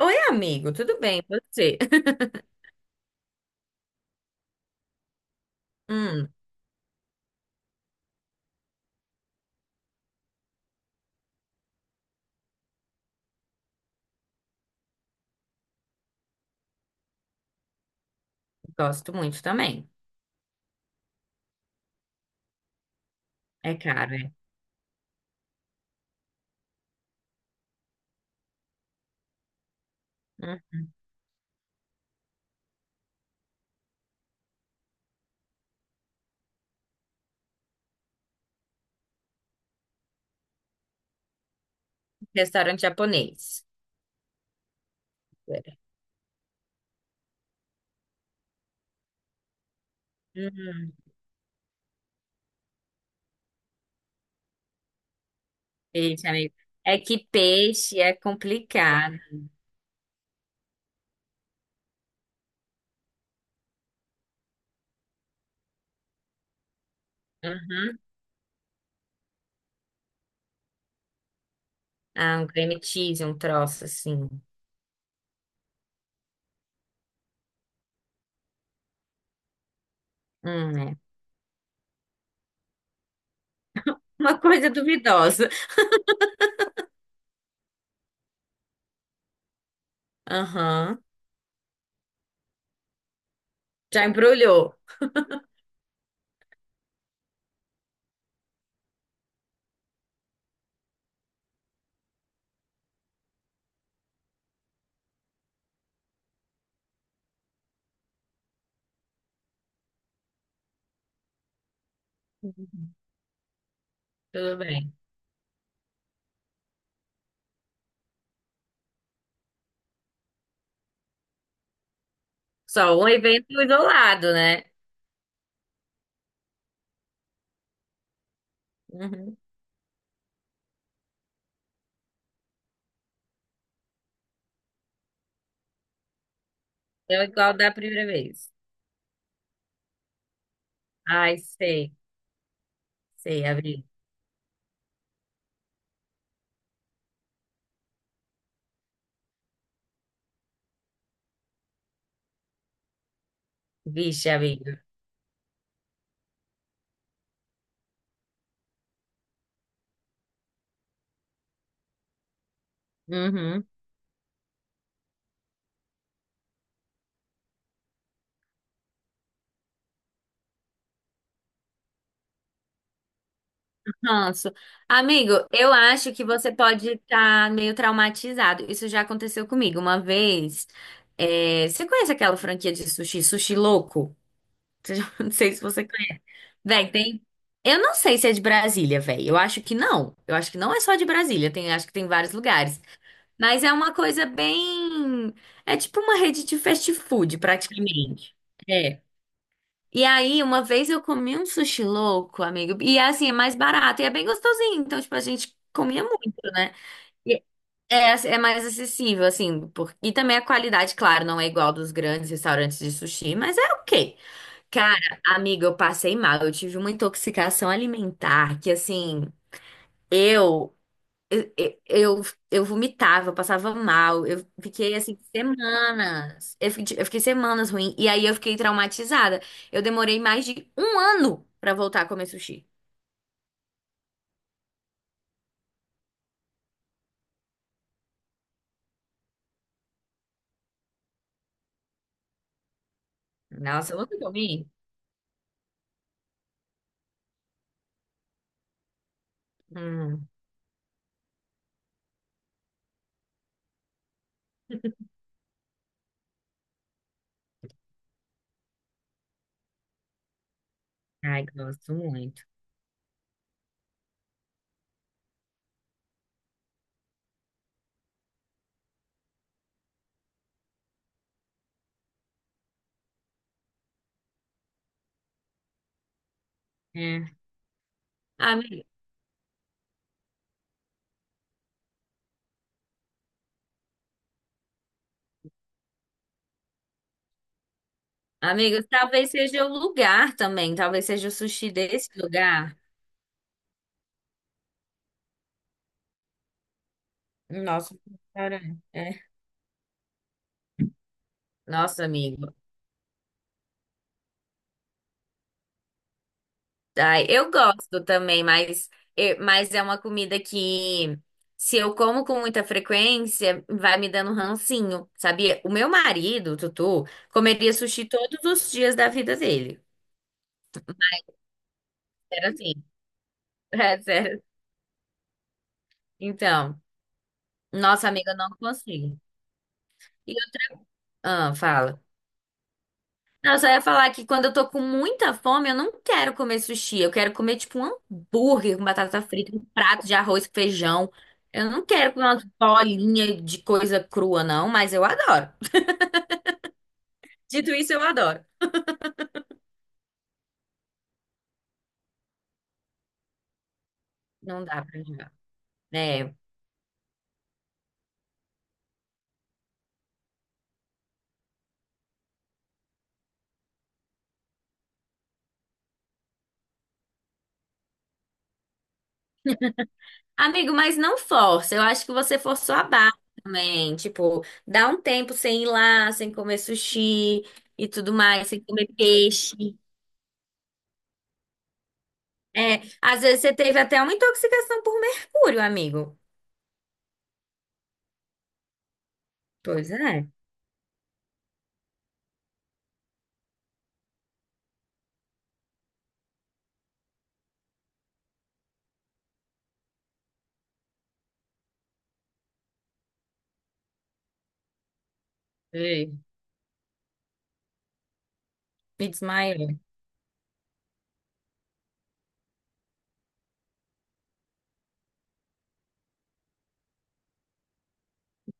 Oi, amigo, tudo bem? E Você? Hum, gosto muito também. É caro, é. Uhum. Restaurante japonês. É. Uhum. Peixe, amigo. É que peixe é complicado. Uhum. Ah, um cream cheese, um troço assim. É. Uma coisa duvidosa. Aham. Já embrulhou. Uhum. Tudo bem. Só um evento isolado, né? Uhum. É igual da primeira vez. Ai, sei, sei, amigo. Vixe, amigo. Uhum. Ranço. Amigo, eu acho que você pode estar meio traumatizado. Isso já aconteceu comigo uma vez. Você conhece aquela franquia de sushi, Sushi Louco? Você já- Não sei se você conhece. Véi, tem. Eu não sei se é de Brasília, véi. Eu acho que não. Eu acho que não é só de Brasília. Tem. Acho que tem vários lugares. Mas é uma coisa bem. É tipo uma rede de fast food, praticamente. É. E aí, uma vez eu comi um sushi louco, amigo. E é assim, é mais barato e é bem gostosinho. Então, tipo, a gente comia muito, né? E é, assim, é mais acessível, assim. Por. E também a qualidade, claro, não é igual dos grandes restaurantes de sushi, mas é ok. Cara, amiga, eu passei mal. Eu tive uma intoxicação alimentar que, assim, eu. Eu, eu, eu vomitava, eu passava mal, eu fiquei assim semanas, eu fiquei semanas ruim, e aí eu fiquei traumatizada. Eu demorei mais de um ano pra voltar a comer sushi. Nossa, eu nunca comi. Hum, ai, gosto muito. É. Amigo, amigo, talvez seja o lugar também, talvez seja o sushi desse lugar. Nossa, cara, é. Nossa, amigo. Ai, eu gosto também, mas, mas é uma comida que, se eu como com muita frequência, vai me dando um rancinho, sabia? O meu marido, o Tutu, comeria sushi todos os dias da vida dele. Era assim. É, sério. Então, nossa amiga, eu não consigo. E eu- ah, fala. Não, eu só ia falar que quando eu tô com muita fome, eu não quero comer sushi. Eu quero comer, tipo, um hambúrguer com batata frita, um prato de arroz com feijão. Eu não quero comer umas bolinhas de coisa crua, não, mas eu adoro. Dito isso, eu adoro. Não dá pra jogar. É. Amigo, mas não força. Eu acho que você forçou a barra também. Tipo, dá um tempo sem ir lá, sem comer sushi e tudo mais, sem comer peixe. É, às vezes você teve até uma intoxicação por mercúrio, amigo. Pois é. Ei, me desmaiei.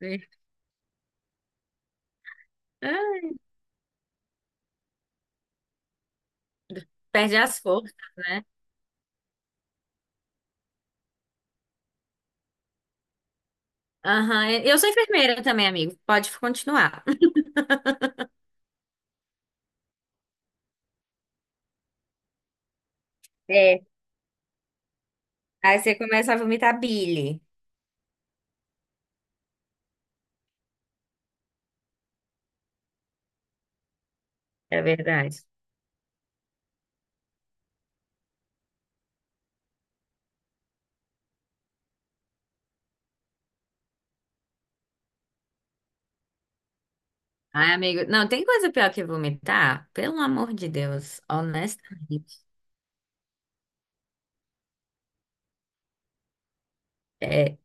Ei, ah, perde as forças, né? Aham, eu sou enfermeira também, amigo. Pode continuar. É. Aí você começa a vomitar bile. É verdade. Ai, amigo, não, tem coisa pior que vomitar? Pelo amor de Deus, honestamente. É.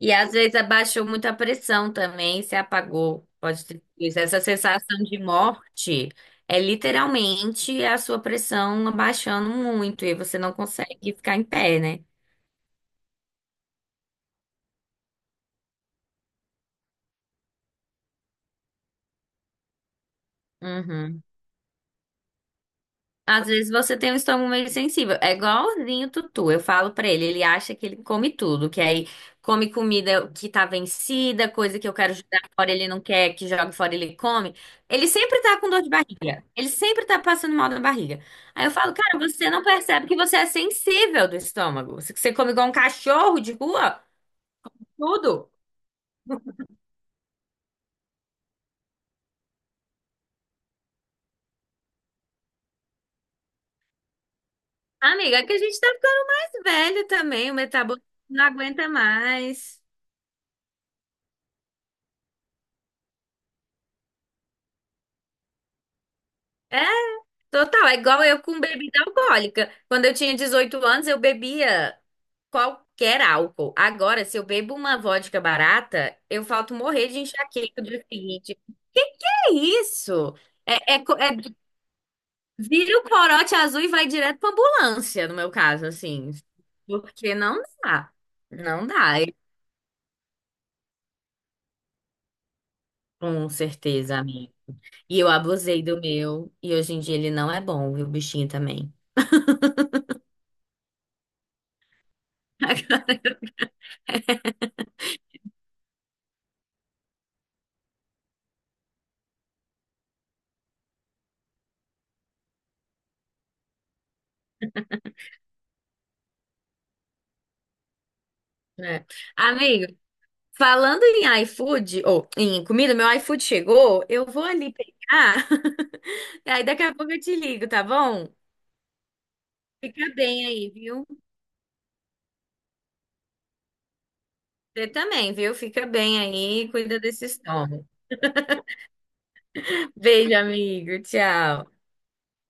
E às vezes abaixou muito a pressão também, se apagou. Pode ter sido isso. Essa sensação de morte é literalmente a sua pressão abaixando muito e você não consegue ficar em pé, né? Uhum. Às vezes você tem um estômago meio sensível. É igualzinho o Tutu. Eu falo pra ele, ele acha que ele come tudo, que aí come comida que tá vencida, coisa que eu quero jogar fora, ele não quer que jogue fora, ele come. Ele sempre tá com dor de barriga. Ele sempre tá passando mal na barriga. Aí eu falo, cara, você não percebe que você é sensível do estômago. Você come igual um cachorro de rua, tudo. Amiga, é que a gente tá ficando mais velho também, o metabolismo não aguenta mais. É. Total, é igual eu com bebida alcoólica. Quando eu tinha 18 anos, eu bebia qualquer álcool. Agora, se eu bebo uma vodka barata, eu falto morrer de enxaqueca do dia seguinte. Que é isso? É, é, co- é- vira o corote azul e vai direto pra ambulância, no meu caso, assim. Porque não dá. Não dá, eu- com certeza, amigo. E eu abusei do meu, e hoje em dia ele não é bom, viu, bichinho também. É. Amigo. Falando em iFood, ou em comida, meu iFood chegou, eu vou ali pegar. Aí daqui a pouco eu te ligo, tá bom? Fica bem aí, viu? Você também, viu? Fica bem aí, cuida desse estômago. Beijo, amigo. Tchau.